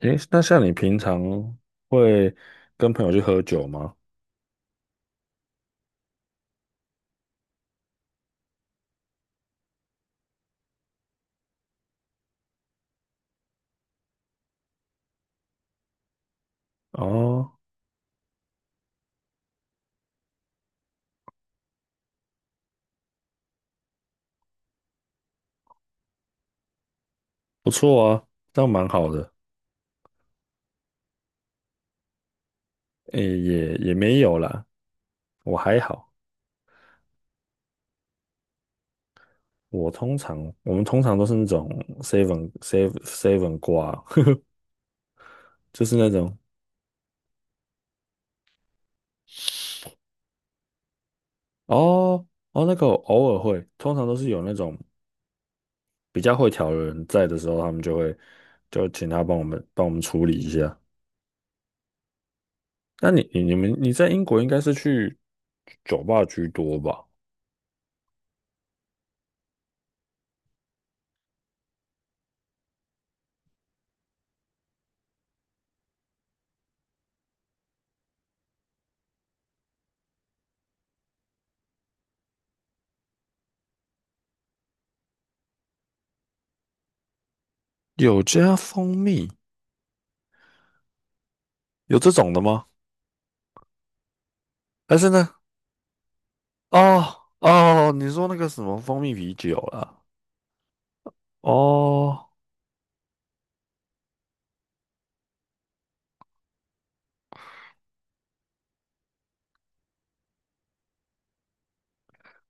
诶，那像你平常会跟朋友去喝酒吗？哦，不错啊，这样蛮好的。诶，也没有啦，我还好。我通常我们通常都是那种 seven seven seven 挂，就是那种哦哦那个偶尔会，通常都是有那种比较会调的人在的时候，他们就会请他帮我们处理一下。那你在英国应该是去酒吧居多吧？有加蜂蜜。有这种的吗？但是呢，哦哦，你说那个什么蜂蜜啤酒啦，哦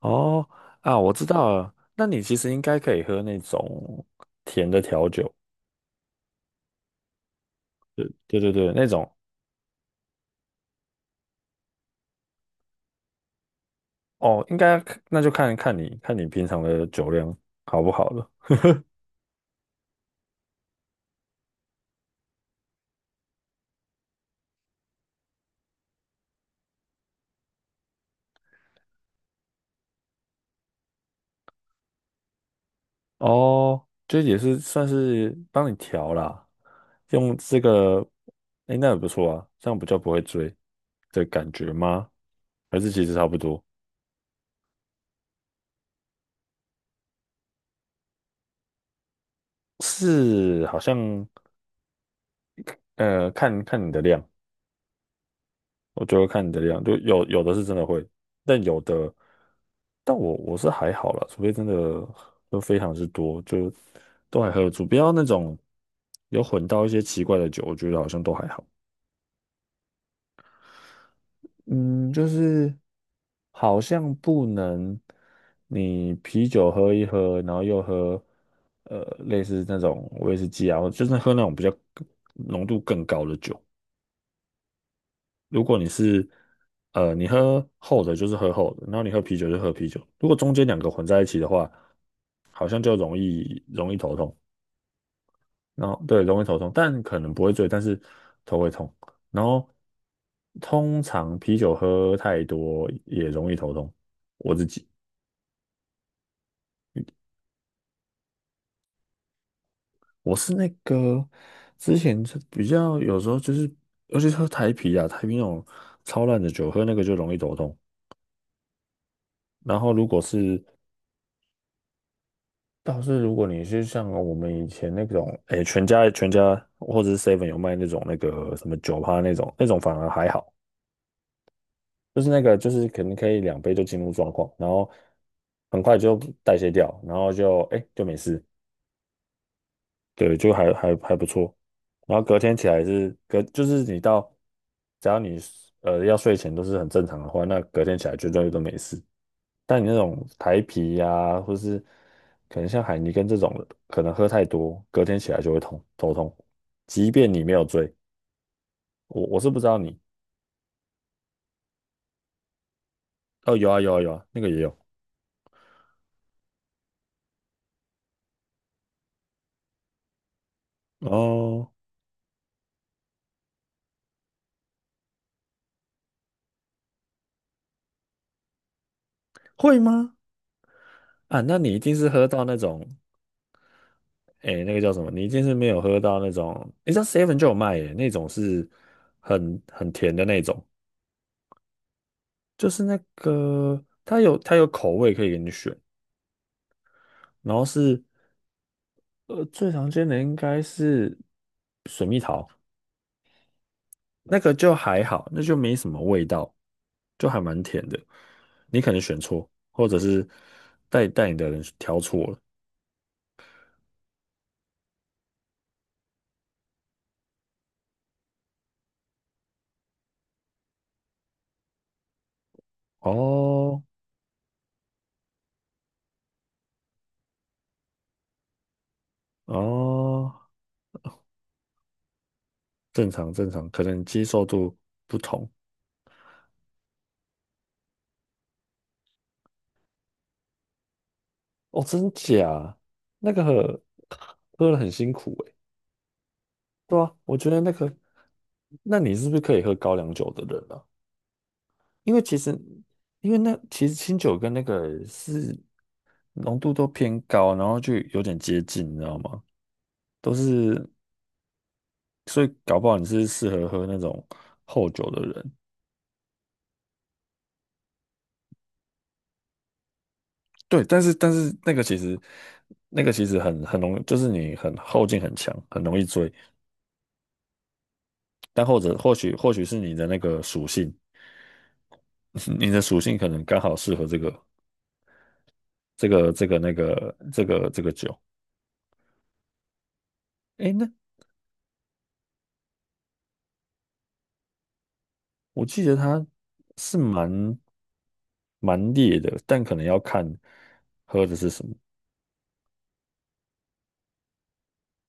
哦啊，我知道了。那你其实应该可以喝那种甜的调酒，对对对对，那种哦，应该那就看你平常的酒量好不好了。哦，这也是算是帮你调啦，用这个，哎，那也不错啊，这样比较不会醉的感觉吗？还是其实差不多？是，好像看看你的量，我觉得看你的量，就有的是真的会，但有的，但我是还好啦，除非真的都非常之多，就都还喝得住，不要那种有混到一些奇怪的酒，我觉得好像都还好。嗯，就是好像不能你啤酒喝一喝，然后又喝类似那种威士忌啊，就是喝那种比较浓度更高的酒。如果你是你喝厚的，就是喝厚的，然后你喝啤酒就喝啤酒。如果中间两个混在一起的话，好像就容易头痛。然后对，容易头痛，但可能不会醉，但是头会痛。然后通常啤酒喝太多也容易头痛。我自己我是那个之前是比较有时候就是，尤其是喝台啤啊，台啤那种超烂的酒，喝那个就容易头痛。然后如果是倒是如果你是像我们以前那种，哎，全家或者是 Seven 有卖那种那个什么酒趴那种，那种反而还好，就是那个就是可能可以2杯就进入状况，然后很快就代谢掉，然后就哎就没事。对，就还不错。然后隔天起来是隔，就是你到，只要你要睡前都是很正常的话，那隔天起来绝对都没事。但你那种台啤呀、或是可能像海尼根这种的，可能喝太多，隔天起来就会头痛。即便你没有醉，我是不知道你哦，有啊有啊有啊，那个也有哦，会吗？啊，那你一定是喝到那种。哎、那个叫什么？你一定是没有喝到那种，你知道 Seven 就有卖耶，那种是很甜的那种，就是那个它有口味可以给你选，然后是最常见的应该是那个就还好，那就没什么味道，就还蛮甜的。你可能选错，或者是带带你的人挑错了。哦哦，正常正常，可能接受度不同。哦，真假？那个喝了很辛苦诶。对啊，我觉得那个，那你是不是可以喝高粱酒的人啊？因为其实，因为那其实清酒跟那个是浓度都偏高，然后就有点接近，你知道吗？都是，所以搞不好你是适合喝那种厚酒的人。对，但是那个其实，那个其实很容易，就是你很后劲很强，很容易追。但或许是你的那个属性。你的属性可能刚好适合这个酒。诶，那我记得它是蛮烈的，但可能要看喝的是什么。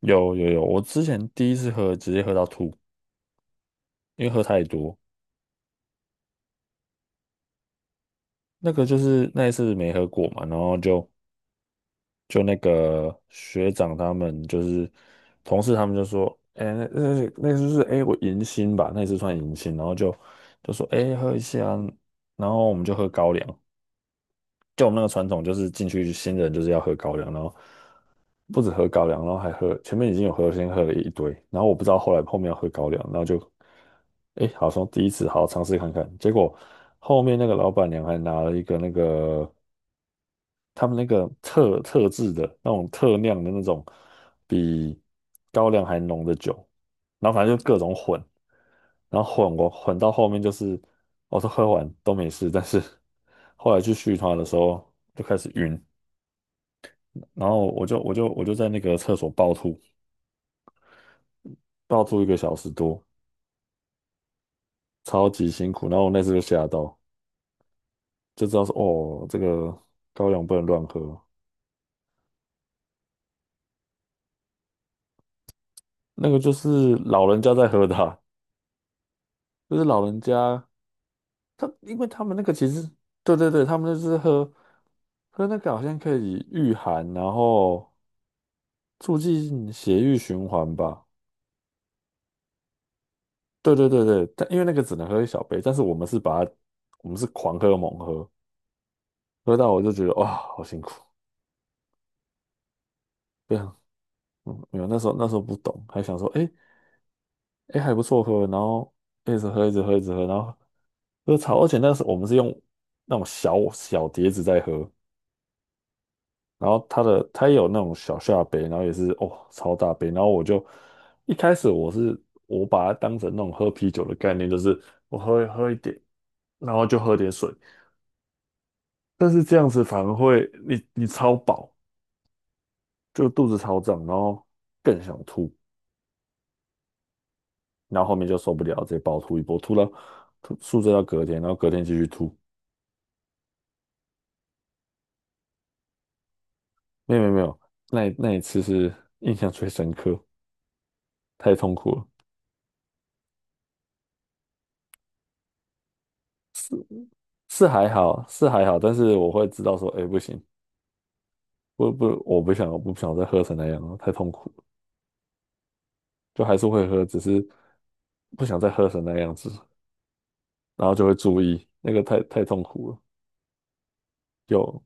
有有有，我之前第一次喝直接喝到吐，因为喝太多。那个就是那一次没喝过嘛，然后就那个学长他们就是同事，他们就说，哎、那就是哎、我迎新吧，那次算迎新，然后就说，哎、喝一下，然后我们就喝高粱，就我们那个传统就是进去新人就是要喝高粱，然后不止喝高粱，然后还喝前面已经有喝，先喝了一堆，然后我不知道后来后面要喝高粱，然后就，哎、好像第一次好好尝试看看，结果后面那个老板娘还拿了一个那个。他们那个特制的那种特酿的那种比高粱还浓的酒，然后反正就各种混，然后我混到后面就是我都喝完都没事，但是后来去续团的时候就开始晕，然后我就在那个厕所暴吐，暴吐一个小时多，超级辛苦，然后我那次就吓到，就知道说哦，这个高粱不能乱喝，那个就是老人家在喝的啊就是老人家。他因为他们那个其实，对对对，他们就是喝那个好像可以御寒，然后促进血液循环吧。对对对对，但因为那个只能喝一小杯，但是我们是把它，我们是狂喝猛喝，喝到我就觉得哇，好辛苦，非常，嗯，没有那时候不懂，还想说，哎哎还不错喝，然后一直喝一直喝一直喝，然后喝超，而且那时候我们是用那种小小碟子在喝，然后他也有那种小下杯，然后也是哦超大杯，然后一开始我把它当成那种喝啤酒的概念，就是我喝喝一点，然后就喝点水，但是这样子反而会你超饱，就肚子超胀，然后更想吐，然后后面就受不了，直接暴吐一波，吐到吐宿醉到隔天，然后隔天继续吐，没有没有没有，那一次是 印象最深刻，太痛苦了。是，是还好，是还好，但是我会知道说，哎、不行，不不，我不想再喝成那样了，太痛苦了。就还是会喝，只是不想再喝成那样子，然后就会注意，那个太痛苦了。有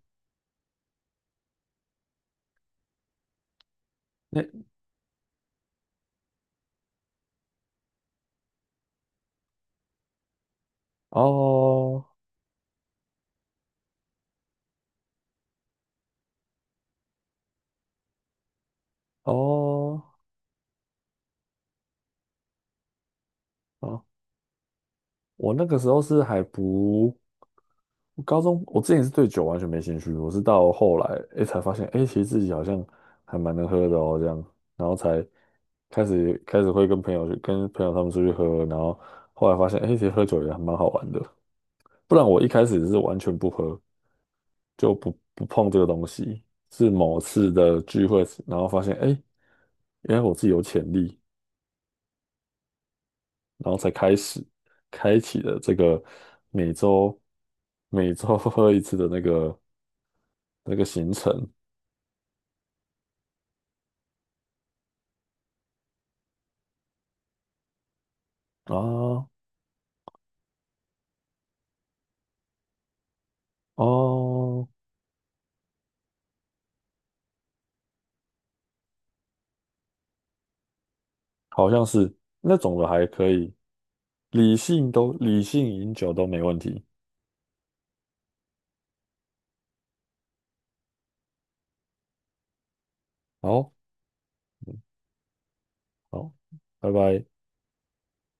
那哦哦哦，我那个时候是还不我高中，我之前是对酒完全没兴趣，我是到后来哎才发现，哎，其实自己好像还蛮能喝的哦，这样，然后才开始会跟朋友他们出去喝，然后后来发现，哎，其实喝酒也还蛮好玩的。不然我一开始是完全不喝，就不碰这个东西。是某次的聚会，然后发现，哎，原来我自己有潜力，然后才开启了这个每周每周 喝一次的那个行程啊哦，好像是那种的还可以，理性饮酒都没问题。好，好，拜拜。